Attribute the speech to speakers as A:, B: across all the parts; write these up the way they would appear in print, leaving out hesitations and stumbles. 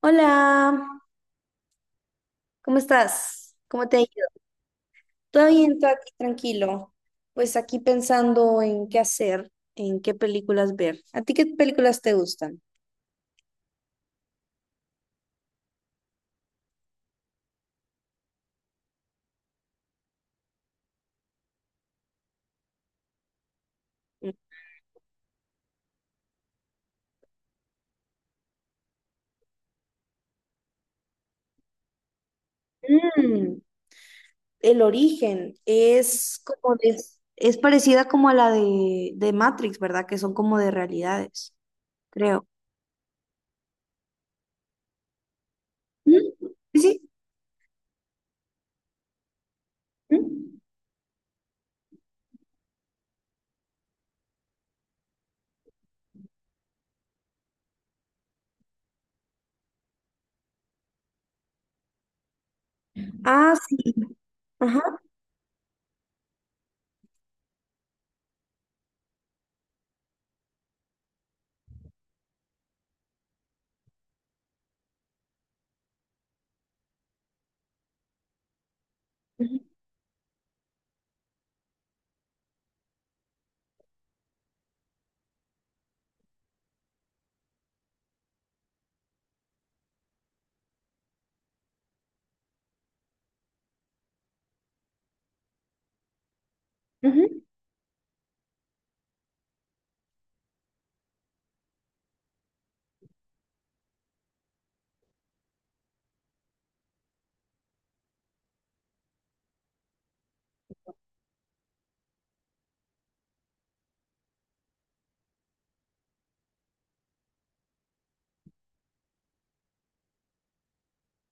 A: Hola, ¿cómo estás? ¿Cómo te ha ido? Todo bien, todo aquí tranquilo. Pues aquí pensando en qué hacer, en qué películas ver. ¿A ti qué películas te gustan? Mm, El Origen es parecida como a la de Matrix, ¿verdad? Que son como de realidades, creo. Mm. Sí, sí. Mm. Ah, sí. Ajá. Ujú, ujú.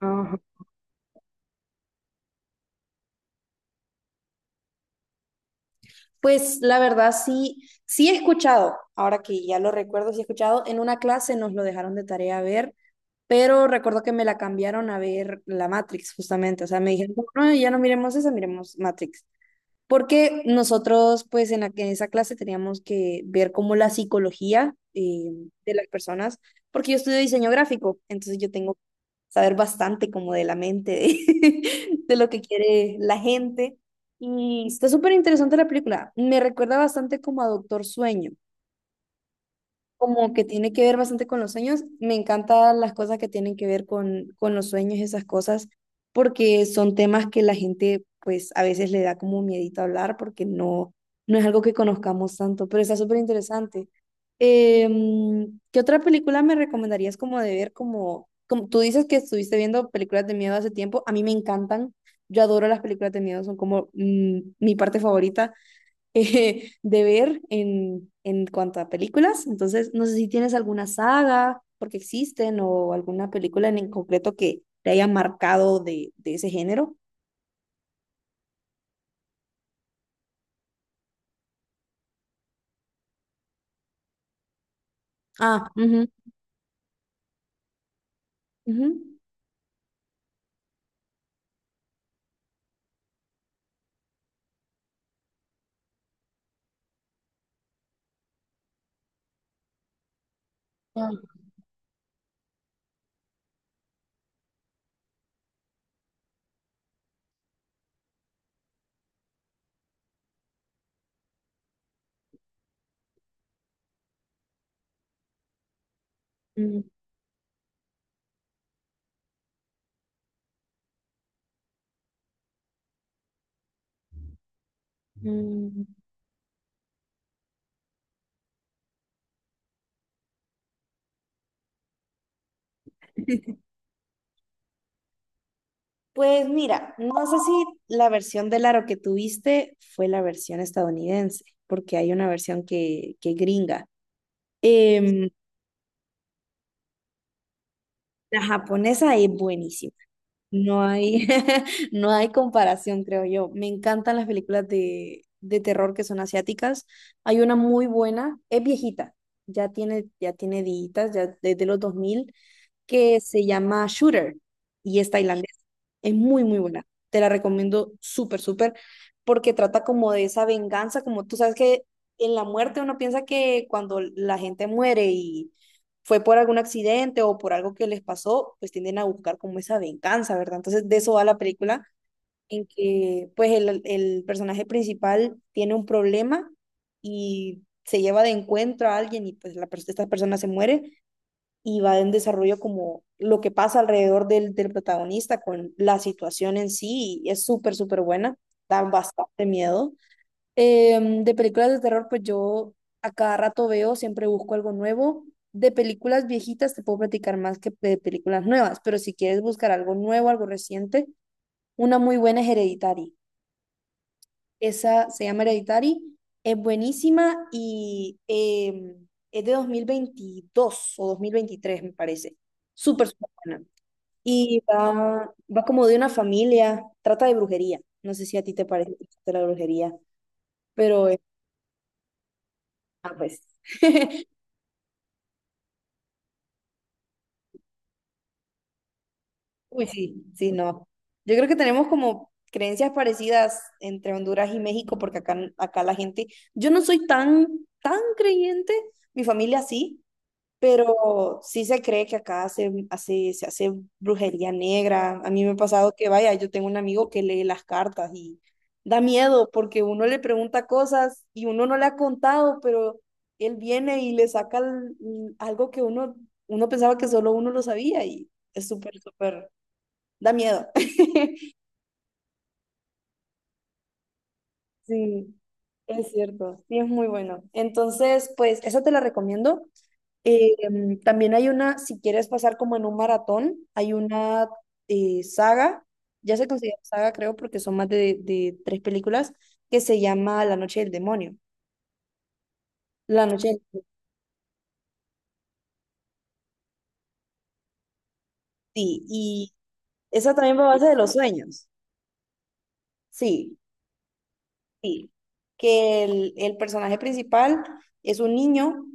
A: Ajá. Pues la verdad sí, sí he escuchado, ahora que ya lo recuerdo, sí he escuchado, en una clase nos lo dejaron de tarea a ver, pero recuerdo que me la cambiaron a ver la Matrix justamente, o sea, me dijeron, no, ya no miremos esa, miremos Matrix porque nosotros pues en esa clase teníamos que ver como la psicología de las personas, porque yo estudio diseño gráfico, entonces yo tengo que saber bastante como de la mente, de, de lo que quiere la gente. Y está súper interesante la película, me recuerda bastante como a Doctor Sueño como que tiene que ver bastante con los sueños. Me encantan las cosas que tienen que ver con los sueños, esas cosas, porque son temas que la gente pues a veces le da como miedito hablar porque no, no es algo que conozcamos tanto, pero está súper interesante. ¿Qué otra película me recomendarías como de ver? Como tú dices que estuviste viendo películas de miedo hace tiempo, a mí me encantan. Yo adoro las películas de miedo, son como mi parte favorita de ver en cuanto a películas. Entonces, no sé si tienes alguna saga, porque existen, o alguna película en concreto que te haya marcado de ese género. Ah, ujú, ujú. Ah, Mm, mm. Pues mira, no sé si la versión del aro que tuviste fue la versión estadounidense, porque hay una versión que gringa. Em, la japonesa es buenísima. No hay, no hay comparación, creo yo. Me encantan las películas de terror que son asiáticas. Hay una muy buena, es viejita, ya tiene días, ya desde los 2000, que se llama Shooter y es tailandesa. Es muy, muy buena. Te la recomiendo súper, súper, porque trata como de esa venganza, como tú sabes que en la muerte uno piensa que cuando la gente muere y fue por algún accidente o por algo que les pasó, pues tienden a buscar como esa venganza, ¿verdad? Entonces de eso va la película, en que pues el personaje principal tiene un problema y se lleva de encuentro a alguien y pues esta persona se muere y va en desarrollo como lo que pasa alrededor del protagonista con la situación en sí y es súper, súper buena, da bastante miedo. De películas de terror, pues yo a cada rato veo, siempre busco algo nuevo. De películas viejitas te puedo platicar más que de películas nuevas, pero si quieres buscar algo nuevo, algo reciente, una muy buena es Hereditary. Esa se llama Hereditary, es buenísima y es de 2022 o 2023, me parece. Súper, súper buena. Y va como de una familia, trata de brujería. No sé si a ti te parece que trata de la brujería, pero ah, pues. Uy, sí, sí, no. Yo creo que tenemos como creencias parecidas entre Honduras y México, porque acá la gente, yo no soy tan, tan creyente, mi familia sí, pero sí se cree que acá se hace brujería negra. A mí me ha pasado que, vaya, yo tengo un amigo que lee las cartas y da miedo porque uno le pregunta cosas y uno no le ha contado, pero él viene y le saca algo que uno pensaba que solo uno lo sabía y es súper, súper, da miedo. Sí, es cierto, sí es muy bueno. Entonces, pues, eso te la recomiendo. También hay una, si quieres pasar como en un maratón, hay una saga, ya se considera saga creo porque son más de tres películas, que se llama La Noche del Demonio. La Noche del Demonio, sí. Y esa también va a base de los sueños, sí, sí. Que el personaje principal es un niño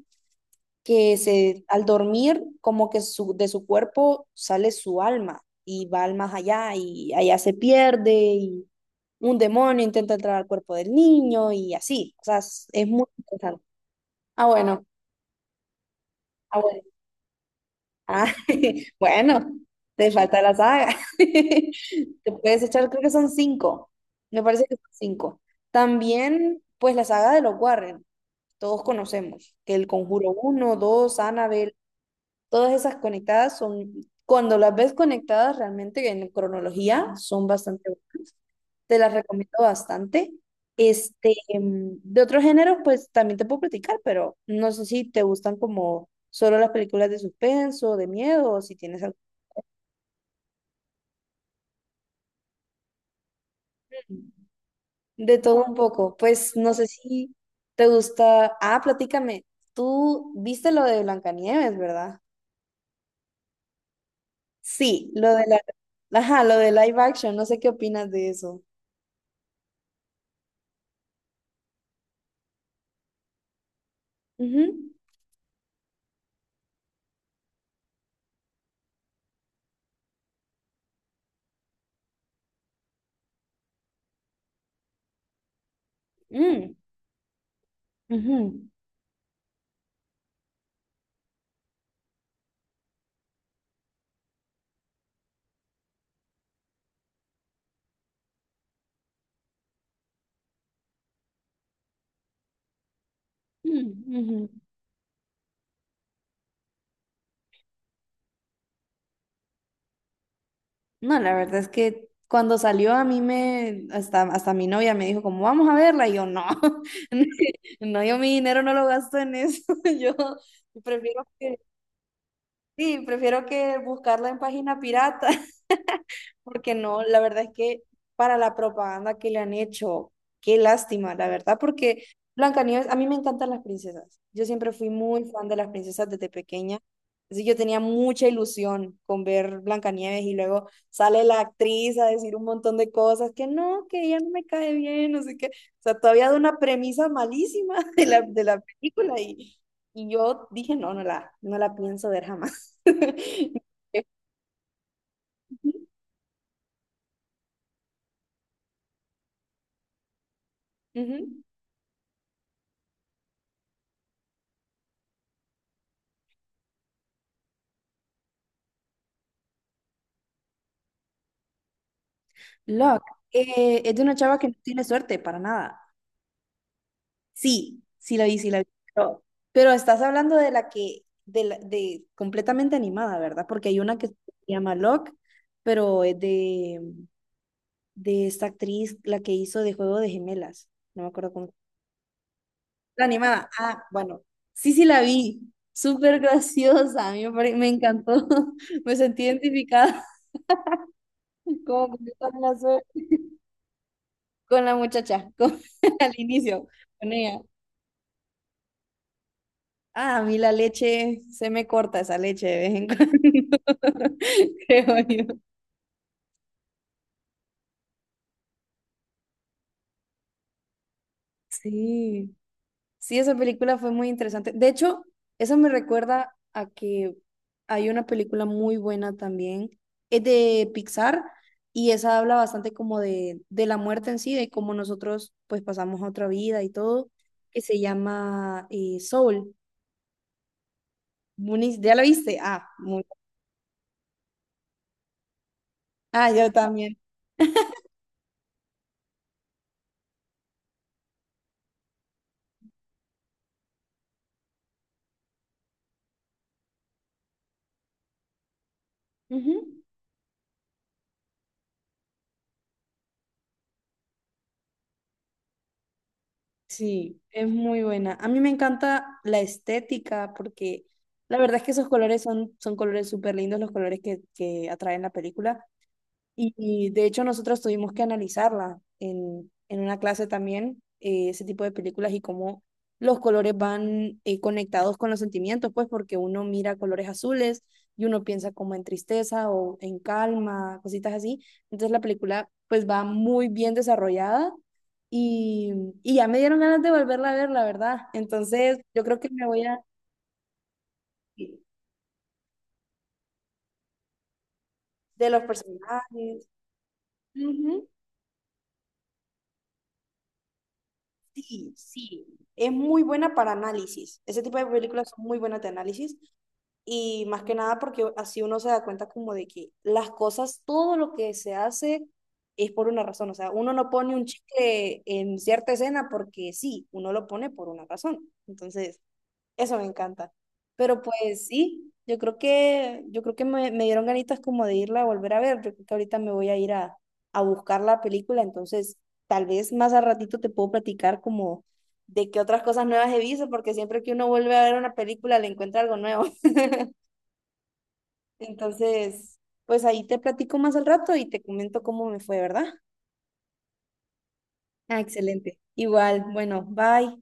A: que al dormir como que de su cuerpo sale su alma y va al más allá y allá se pierde, un demonio intenta entrar al cuerpo del niño y así. O sea, es muy interesante. Ah, bueno. Ah, bueno. Ah, bueno, te falta la saga. Te puedes echar, creo que son cinco. Me parece que son cinco. También, pues la saga de los Warren, todos conocemos que El Conjuro uno, 2, Annabelle. Todas esas conectadas son, cuando las ves conectadas realmente en cronología, son bastante buenas. Te las recomiendo bastante. Este, de otros géneros, pues también te puedo platicar, pero no sé si te gustan como solo las películas de suspenso, de miedo, o si tienes algo de todo un poco. Pues no sé si te gusta. Ah, platícame. Tú viste lo de Blancanieves, ¿verdad? Sí, ajá, lo de live action, no sé qué opinas de eso. Ujú. Mm, ujú, mm, ujú. No, la verdad es que cuando salió a mí hasta mi novia me dijo como, vamos a verla, y yo no, no, yo mi dinero no lo gasto en eso, yo prefiero que, sí, prefiero que buscarla en página pirata. Porque no, la verdad es que para la propaganda que le han hecho, qué lástima, la verdad, porque Blancanieves, a mí me encantan las princesas. Yo siempre fui muy fan de las princesas desde pequeña. Así yo tenía mucha ilusión con ver Blancanieves y luego sale la actriz a decir un montón de cosas que no, que ella no me cae bien, no sé qué. O sea, todavía de una premisa malísima de la película y yo dije, no, no la pienso ver jamás. Ujú. Lock, es de una chava que no tiene suerte para nada. Sí, sí la vi, sí la vi. Pero, pero estás hablando de la que, de, la- de completamente animada, ¿verdad? Porque hay una que se llama Lock, pero es de esta actriz, la que hizo de Juego de Gemelas. No me acuerdo cómo. La animada. Ah, bueno. Sí, sí la vi. Súper graciosa. A mí me encantó. Me sentí identificada como con la, con la muchacha, con, al inicio, con ella. Ah, a mí la leche, se me corta esa leche de vez en cuando, creo yo. Sí, sí, esa película fue muy interesante. De hecho, eso me recuerda a que hay una película muy buena también, es de Pixar y esa habla bastante como de la muerte en sí, de cómo nosotros pues pasamos a otra vida y todo, que se llama Soul. ¿Ya la viste? Ah, muy. Ah, yo también. Ujú. Sí, es muy buena. A mí me encanta la estética porque la verdad es que esos colores son colores súper lindos, los colores que atraen la película. De hecho nosotros tuvimos que analizarla en una clase también, ese tipo de películas y cómo los colores van conectados con los sentimientos, pues porque uno mira colores azules y uno piensa como en tristeza o en calma, cositas así. Entonces la película pues va muy bien desarrollada y, y ya me dieron ganas de volverla a ver, la verdad. Entonces yo creo que me voy a... De los personajes. Ujú. Sí, sí. Es muy buena para análisis. Ese tipo de películas son muy buenas de análisis. Y más que nada porque así uno se da cuenta como de que las cosas, todo lo que se hace es por una razón. O sea, uno no pone un chicle en cierta escena porque sí, uno lo pone por una razón. Entonces, eso me encanta. Pero pues sí, yo creo que me dieron ganitas como de irla a volver a ver. Yo creo que ahorita me voy a ir a buscar la película, entonces tal vez más al ratito te puedo platicar como de qué otras cosas nuevas he visto, porque siempre que uno vuelve a ver una película le encuentra algo nuevo. Entonces, pues ahí te platico más al rato y te comento cómo me fue, ¿verdad? Ah, excelente. Igual, bueno, bye.